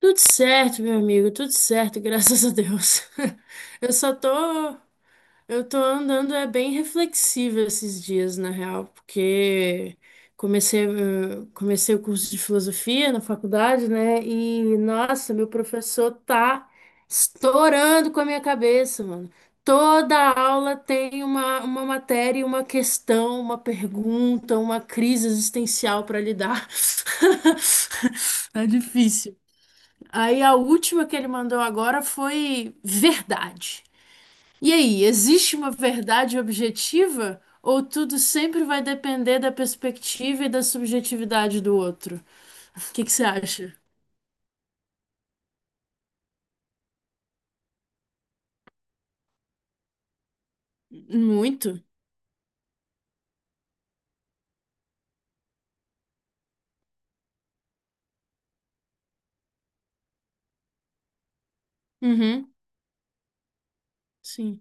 Tudo certo, meu amigo, tudo certo, graças a Deus. Eu só tô, eu tô andando é bem reflexiva esses dias, na real, porque comecei o curso de filosofia na faculdade, né? E nossa, meu professor tá estourando com a minha cabeça, mano. Toda aula tem uma matéria, uma questão, uma pergunta, uma crise existencial para lidar. Tá difícil. Aí a última que ele mandou agora foi verdade. E aí, existe uma verdade objetiva ou tudo sempre vai depender da perspectiva e da subjetividade do outro? O que que você acha? Muito? Uhum. Sim.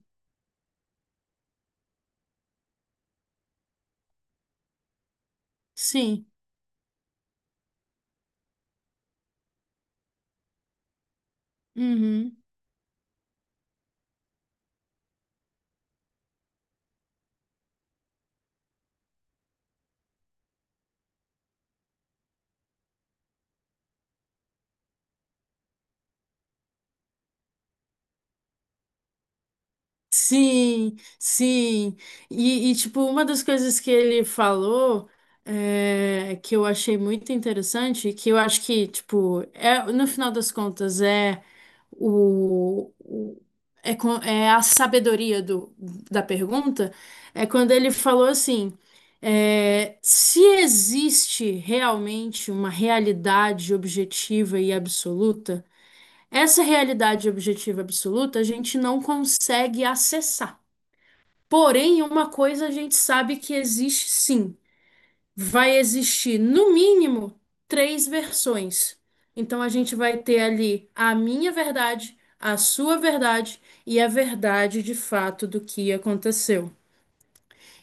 Sim. Uhum. Sim, sim. Tipo, uma das coisas que ele falou é, que eu achei muito interessante, que eu acho que, tipo, é, no final das contas, o, o- é a sabedoria da pergunta, é quando ele falou assim, é, se existe realmente uma realidade objetiva e absoluta, essa realidade objetiva absoluta a gente não consegue acessar. Porém, uma coisa a gente sabe que existe sim. Vai existir, no mínimo, três versões. Então, a gente vai ter ali a minha verdade, a sua verdade e a verdade de fato do que aconteceu.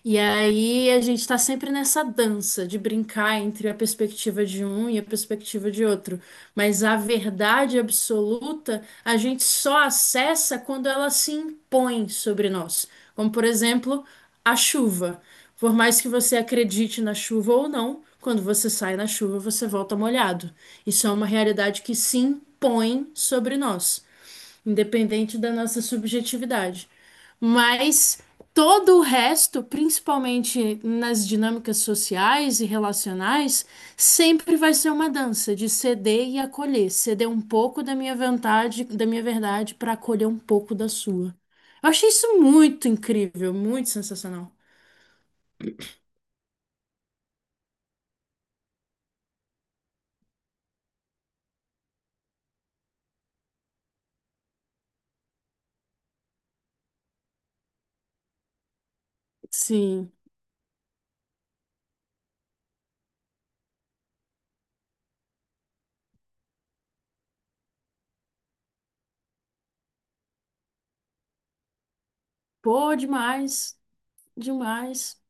E aí a gente está sempre nessa dança de brincar entre a perspectiva de um e a perspectiva de outro. Mas a verdade absoluta a gente só acessa quando ela se impõe sobre nós. Como, por exemplo, a chuva. Por mais que você acredite na chuva ou não, quando você sai na chuva, você volta molhado. Isso é uma realidade que se impõe sobre nós independente da nossa subjetividade. Mas todo o resto, principalmente nas dinâmicas sociais e relacionais, sempre vai ser uma dança de ceder e acolher, ceder um pouco da minha vontade, da minha verdade para acolher um pouco da sua. Eu achei isso muito incrível, muito sensacional. Sim, pô, demais, demais.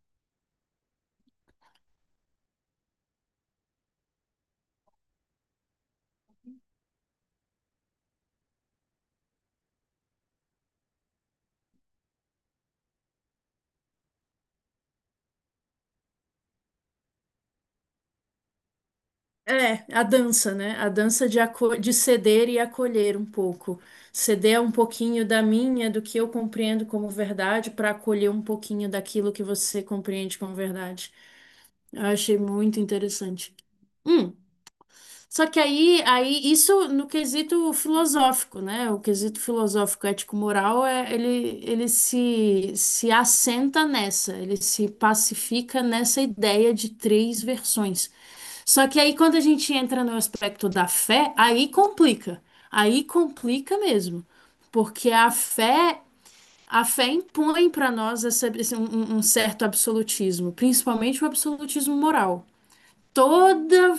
É, a dança, né? A dança de ceder e acolher um pouco. Ceder um pouquinho do que eu compreendo como verdade, para acolher um pouquinho daquilo que você compreende como verdade. Eu achei muito interessante. Aí isso no quesito filosófico, né? O quesito filosófico ético-moral ele se assenta nessa, ele se pacifica nessa ideia de três versões. Só que aí quando a gente entra no aspecto da fé, aí complica. Aí complica mesmo, porque a fé impõe para nós um certo absolutismo, principalmente o absolutismo moral. Toda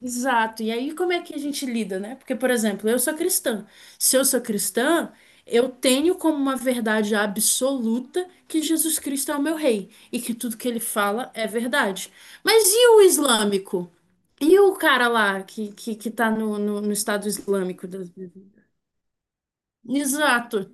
Exato. E aí, como é que a gente lida, né? Porque, por exemplo, eu sou cristã. Se eu sou cristã, eu tenho como uma verdade absoluta que Jesus Cristo é o meu rei e que tudo que ele fala é verdade. Mas e o islâmico? E o cara lá que tá no Estado Islâmico? Da Exato.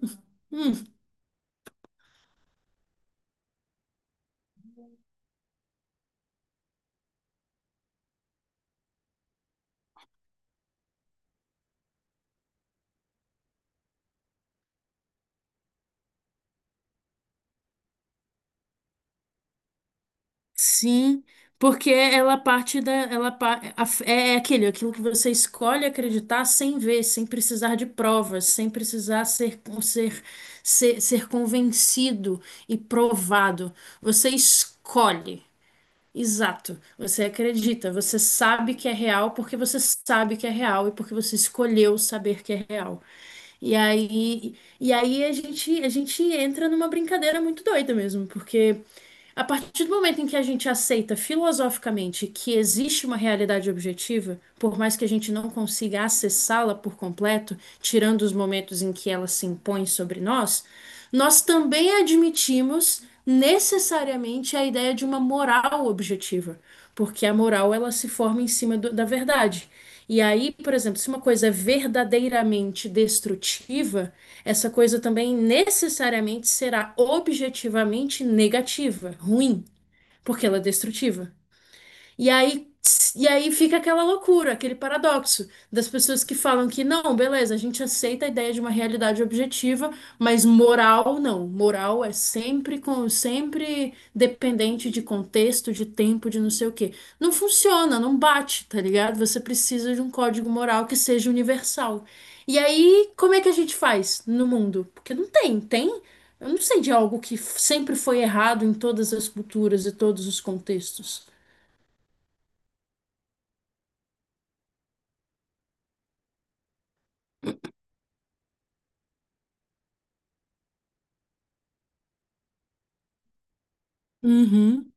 Sim, porque ela parte da, ela pa- a- é é aquilo que você escolhe acreditar sem ver, sem precisar de provas, sem precisar ser convencido e provado. Você escolhe. Exato. Você acredita, você sabe que é real porque você sabe que é real e porque você escolheu saber que é real. E aí, e aí a gente entra numa brincadeira muito doida mesmo, porque a partir do momento em que a gente aceita filosoficamente que existe uma realidade objetiva, por mais que a gente não consiga acessá-la por completo, tirando os momentos em que ela se impõe sobre nós, nós também admitimos necessariamente a ideia de uma moral objetiva, porque a moral ela se forma em cima da verdade. E aí, por exemplo, se uma coisa é verdadeiramente destrutiva, essa coisa também necessariamente será objetivamente negativa, ruim, porque ela é destrutiva. E aí, e aí fica aquela loucura, aquele paradoxo das pessoas que falam que não, beleza, a gente aceita a ideia de uma realidade objetiva, mas moral não. Moral é sempre sempre dependente de contexto, de tempo, de não sei o quê. Não funciona, não bate, tá ligado? Você precisa de um código moral que seja universal. E aí, como é que a gente faz no mundo? Porque não tem, tem? Eu não sei de algo que sempre foi errado em todas as culturas e todos os contextos. Uhum.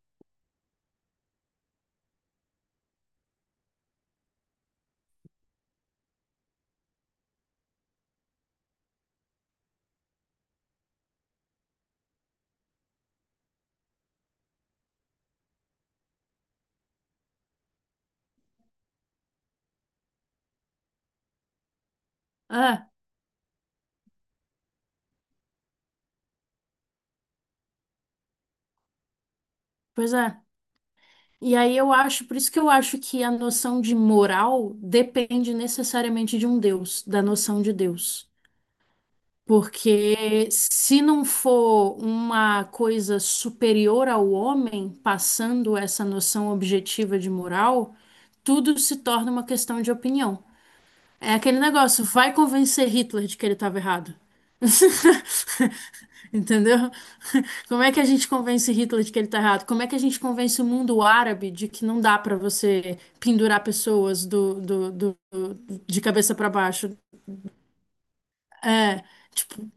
É, pois é. E aí eu acho, por isso que eu acho que a noção de moral depende necessariamente de um Deus, da noção de Deus. Porque se não for uma coisa superior ao homem passando essa noção objetiva de moral, tudo se torna uma questão de opinião. É aquele negócio, vai convencer Hitler de que ele estava errado. Entendeu? Como é que a gente convence Hitler de que ele tá errado? Como é que a gente convence o mundo árabe de que não dá para você pendurar pessoas de cabeça para baixo? É, tipo,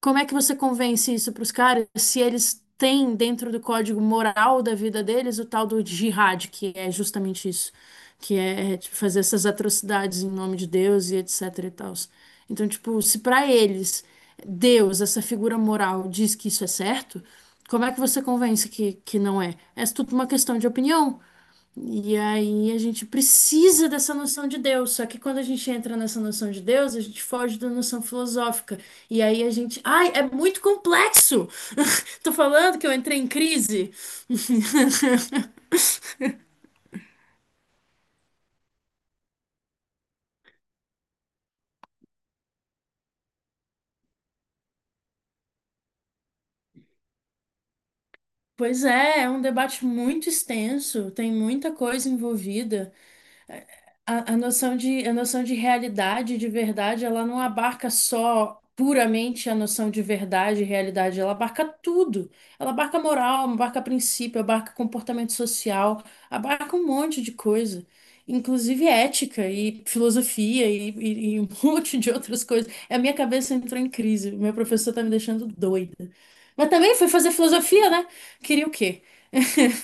como é que você convence isso para os caras se eles têm dentro do código moral da vida deles o tal do jihad, que é justamente isso, que é tipo, fazer essas atrocidades em nome de Deus e etc e tal. Então, tipo, se para eles Deus, essa figura moral, diz que isso é certo, como é que você convence que não é? É tudo uma questão de opinião. E aí a gente precisa dessa noção de Deus. Só que quando a gente entra nessa noção de Deus, a gente foge da noção filosófica. E aí a gente. Ai, é muito complexo! Tô falando que eu entrei em crise. Pois é, é um debate muito extenso, tem muita coisa envolvida. A noção de realidade, de verdade, ela não abarca só puramente a noção de verdade e realidade, ela abarca tudo. Ela abarca moral, abarca princípio, abarca comportamento social, abarca um monte de coisa, inclusive ética e filosofia e um monte de outras coisas. A minha cabeça entrou em crise, meu professor tá me deixando doida. Mas também fui fazer filosofia, né? Queria o quê?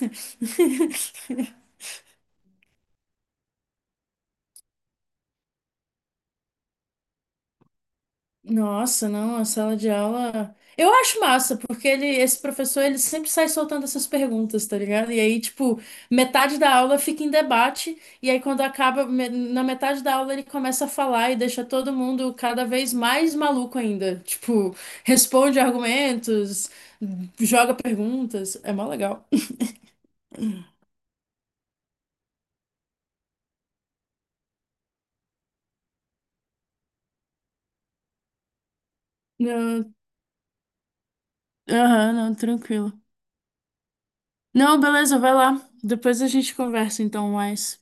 Nossa, não, a sala de aula. Eu acho massa, porque esse professor, ele sempre sai soltando essas perguntas, tá ligado? E aí, tipo, metade da aula fica em debate, e aí quando acaba, na metade da aula ele começa a falar e deixa todo mundo cada vez mais maluco ainda. Tipo, responde argumentos, joga perguntas. É mó legal. Não, Aham, não, tranquilo. Não, beleza, vai lá. Depois a gente conversa então mais.